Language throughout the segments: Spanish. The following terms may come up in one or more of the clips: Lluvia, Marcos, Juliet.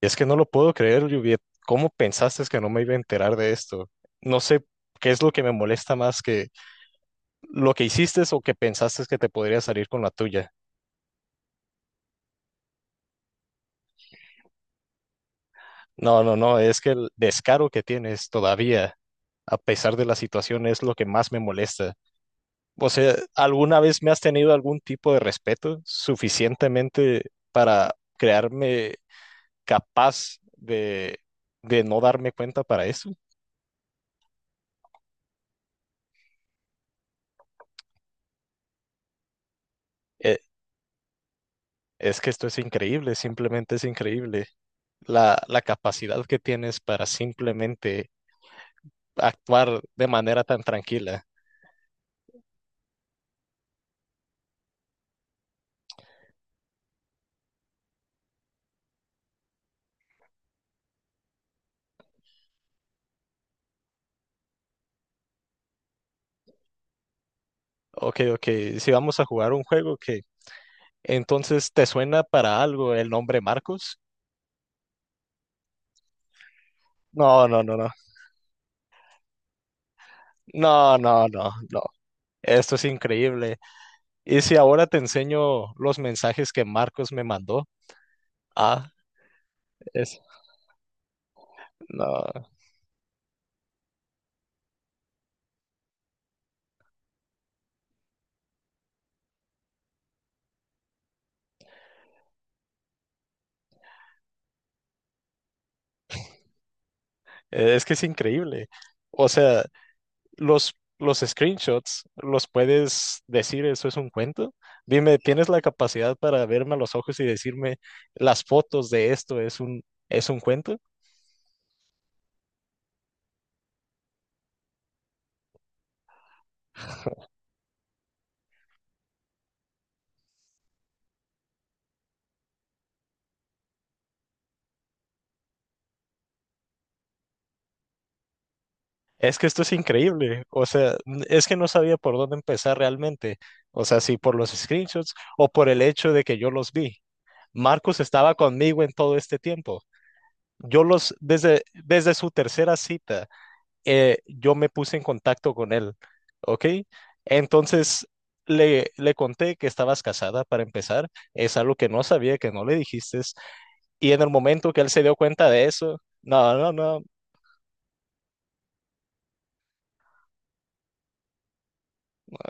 Es que no lo puedo creer, Juliet. ¿Cómo pensaste que no me iba a enterar de esto? No sé qué es lo que me molesta más que lo que hiciste o que pensaste que te podría salir con la tuya. No, no, no, es que el descaro que tienes todavía, a pesar de la situación, es lo que más me molesta. O sea, ¿alguna vez me has tenido algún tipo de respeto suficientemente para crearme capaz de no darme cuenta para eso? Eh, es que esto es increíble, simplemente es increíble. La capacidad que tienes para simplemente actuar de manera tan tranquila. Ok, si vamos a jugar un juego que entonces te suena para algo el nombre Marcos. No, no, no, no. No. Esto es increíble. Y si ahora te enseño los mensajes que Marcos me mandó, ah, es, no, es que es increíble. O sea, los screenshots, los puedes decir, eso es un cuento. Dime, ¿tienes la capacidad para verme a los ojos y decirme las fotos de esto es un cuento? Es que esto es increíble. O sea, es que no sabía por dónde empezar realmente. O sea, si por los screenshots o por el hecho de que yo los vi. Marcos estaba conmigo en todo este tiempo. Desde su tercera cita. Yo me puse en contacto con él, ¿ok? Entonces le conté que estabas casada para empezar, es algo que no sabía, que no le dijiste, y en el momento que él se dio cuenta de eso, no, no, no,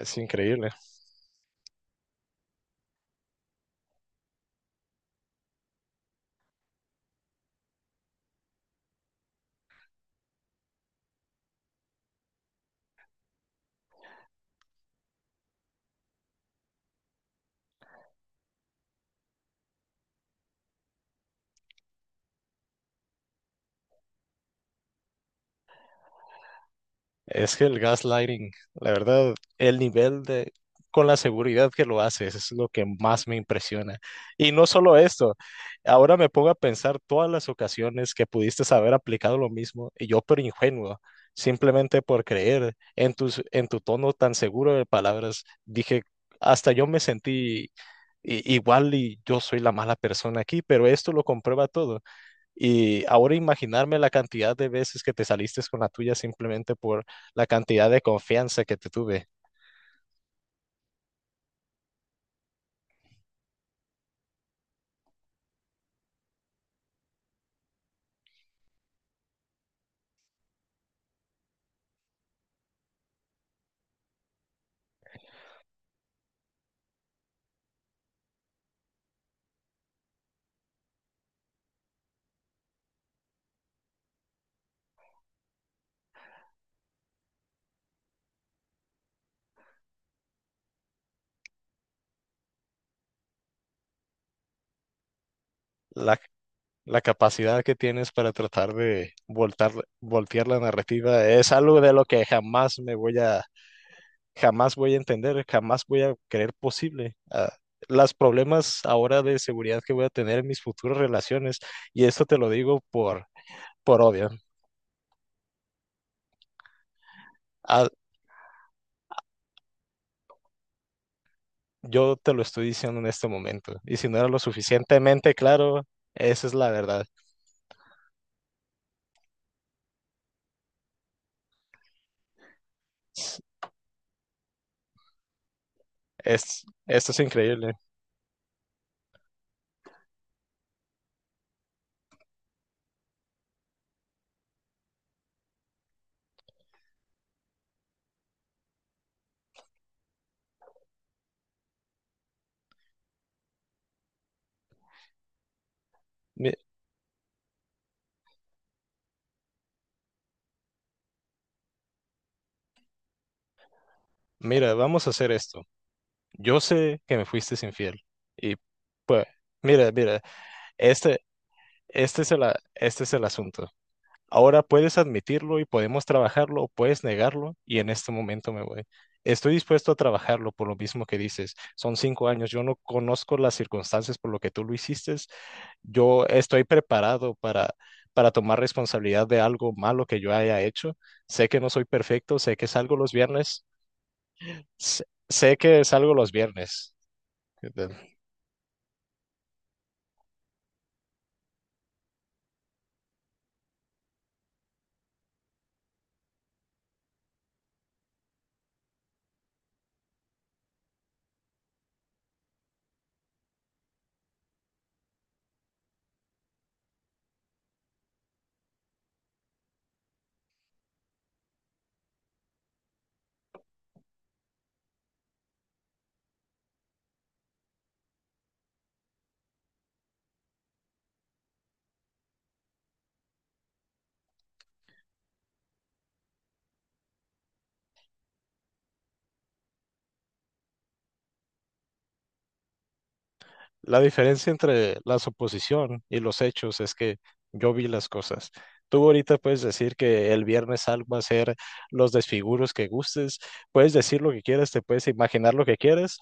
es increíble. Es que el gaslighting, la verdad, el nivel de, con la seguridad que lo haces es lo que más me impresiona. Y no solo esto, ahora me pongo a pensar todas las ocasiones que pudiste haber aplicado lo mismo y yo pero ingenuo, simplemente por creer en en tu tono tan seguro de palabras, dije, hasta yo me sentí igual y yo soy la mala persona aquí, pero esto lo comprueba todo. Y ahora imaginarme la cantidad de veces que te saliste con la tuya simplemente por la cantidad de confianza que te tuve, la, la capacidad que tienes para tratar de voltear la narrativa, es algo de lo que jamás me voy a, jamás voy a entender, jamás voy a creer posible. Las problemas ahora de seguridad que voy a tener en mis futuras relaciones, y esto te lo digo por obvio. Ha Yo te lo estoy diciendo en este momento. Y si no era lo suficientemente claro, esa es la verdad. Esto es increíble. Mi- mira, vamos a hacer esto. Yo sé que me fuiste infiel. Y pues, mira, mira, este, este es el asunto. Ahora puedes admitirlo y podemos trabajarlo o puedes negarlo y en este momento me voy. Estoy dispuesto a trabajarlo por lo mismo que dices. Son 5 años. Yo no conozco las circunstancias por lo que tú lo hiciste. Yo estoy preparado para tomar responsabilidad de algo malo que yo haya hecho. Sé que no soy perfecto, sé que salgo los viernes, sé que salgo los viernes. eh, La diferencia entre la suposición y los hechos es que yo vi las cosas. Tú ahorita puedes decir que el viernes algo va a ser los desfiguros que gustes, puedes decir lo que quieras, te puedes imaginar lo que quieras,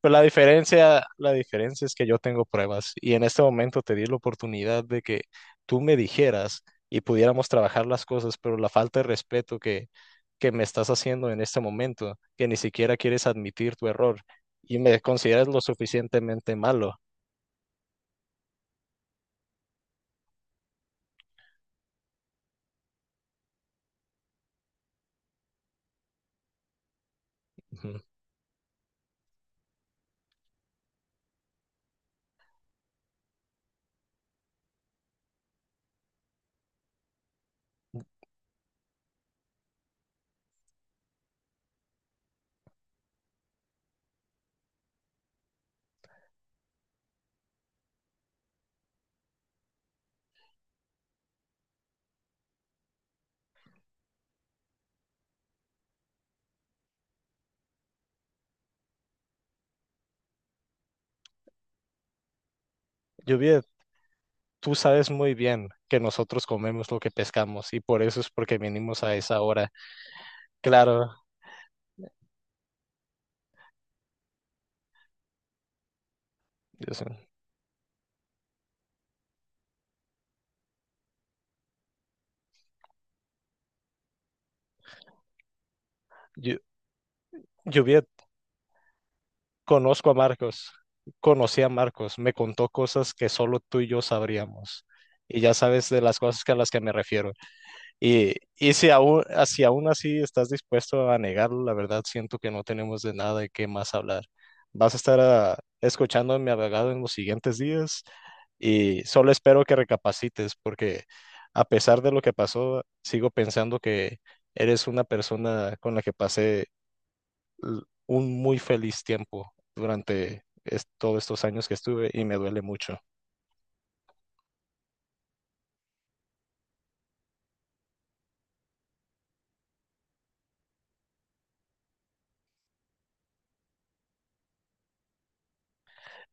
pero la diferencia es que yo tengo pruebas y en este momento te di la oportunidad de que tú me dijeras y pudiéramos trabajar las cosas, pero la falta de respeto que me estás haciendo en este momento, que ni siquiera quieres admitir tu error y me consideras lo suficientemente malo. Ujú. Lluvia, tú sabes muy bien que nosotros comemos lo que pescamos y por eso es porque vinimos a esa hora. Claro, yo sé. Llu- Lluvia, conozco a Marcos, conocí a Marcos, me contó cosas que solo tú y yo sabríamos. Y ya sabes de las cosas que a las que me refiero. Y si si aún así estás dispuesto a negarlo, la verdad siento que no tenemos de nada de qué más hablar. ¿Vas a estar escuchando a mi abogado en los siguientes días? Y solo espero que recapacites porque a pesar de lo que pasó, sigo pensando que eres una persona con la que pasé l- un muy feliz tiempo durante todos estos años que estuve y me duele mucho.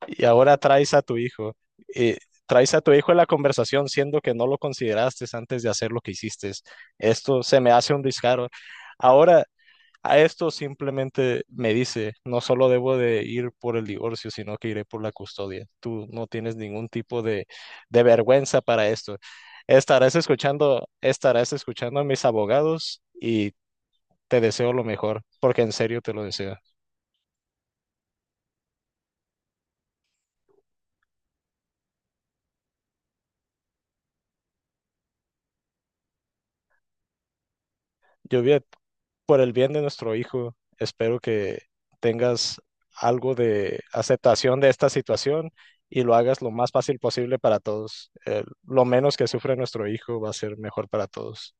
Y ahora traes a tu hijo, eh, traes a tu hijo en la conversación siendo que no lo consideraste antes de hacer lo que hiciste. Esto se me hace un descaro. Ahora... A esto simplemente me dice, no solo debo de ir por el divorcio, sino que iré por la custodia. Tú no tienes ningún tipo de vergüenza para esto. Estarás escuchando a mis abogados y te deseo lo mejor, porque en serio te lo deseo. Lluvia, por el bien de nuestro hijo, espero que tengas algo de aceptación de esta situación y lo hagas lo más fácil posible para todos. Lo menos que sufre nuestro hijo va a ser mejor para todos.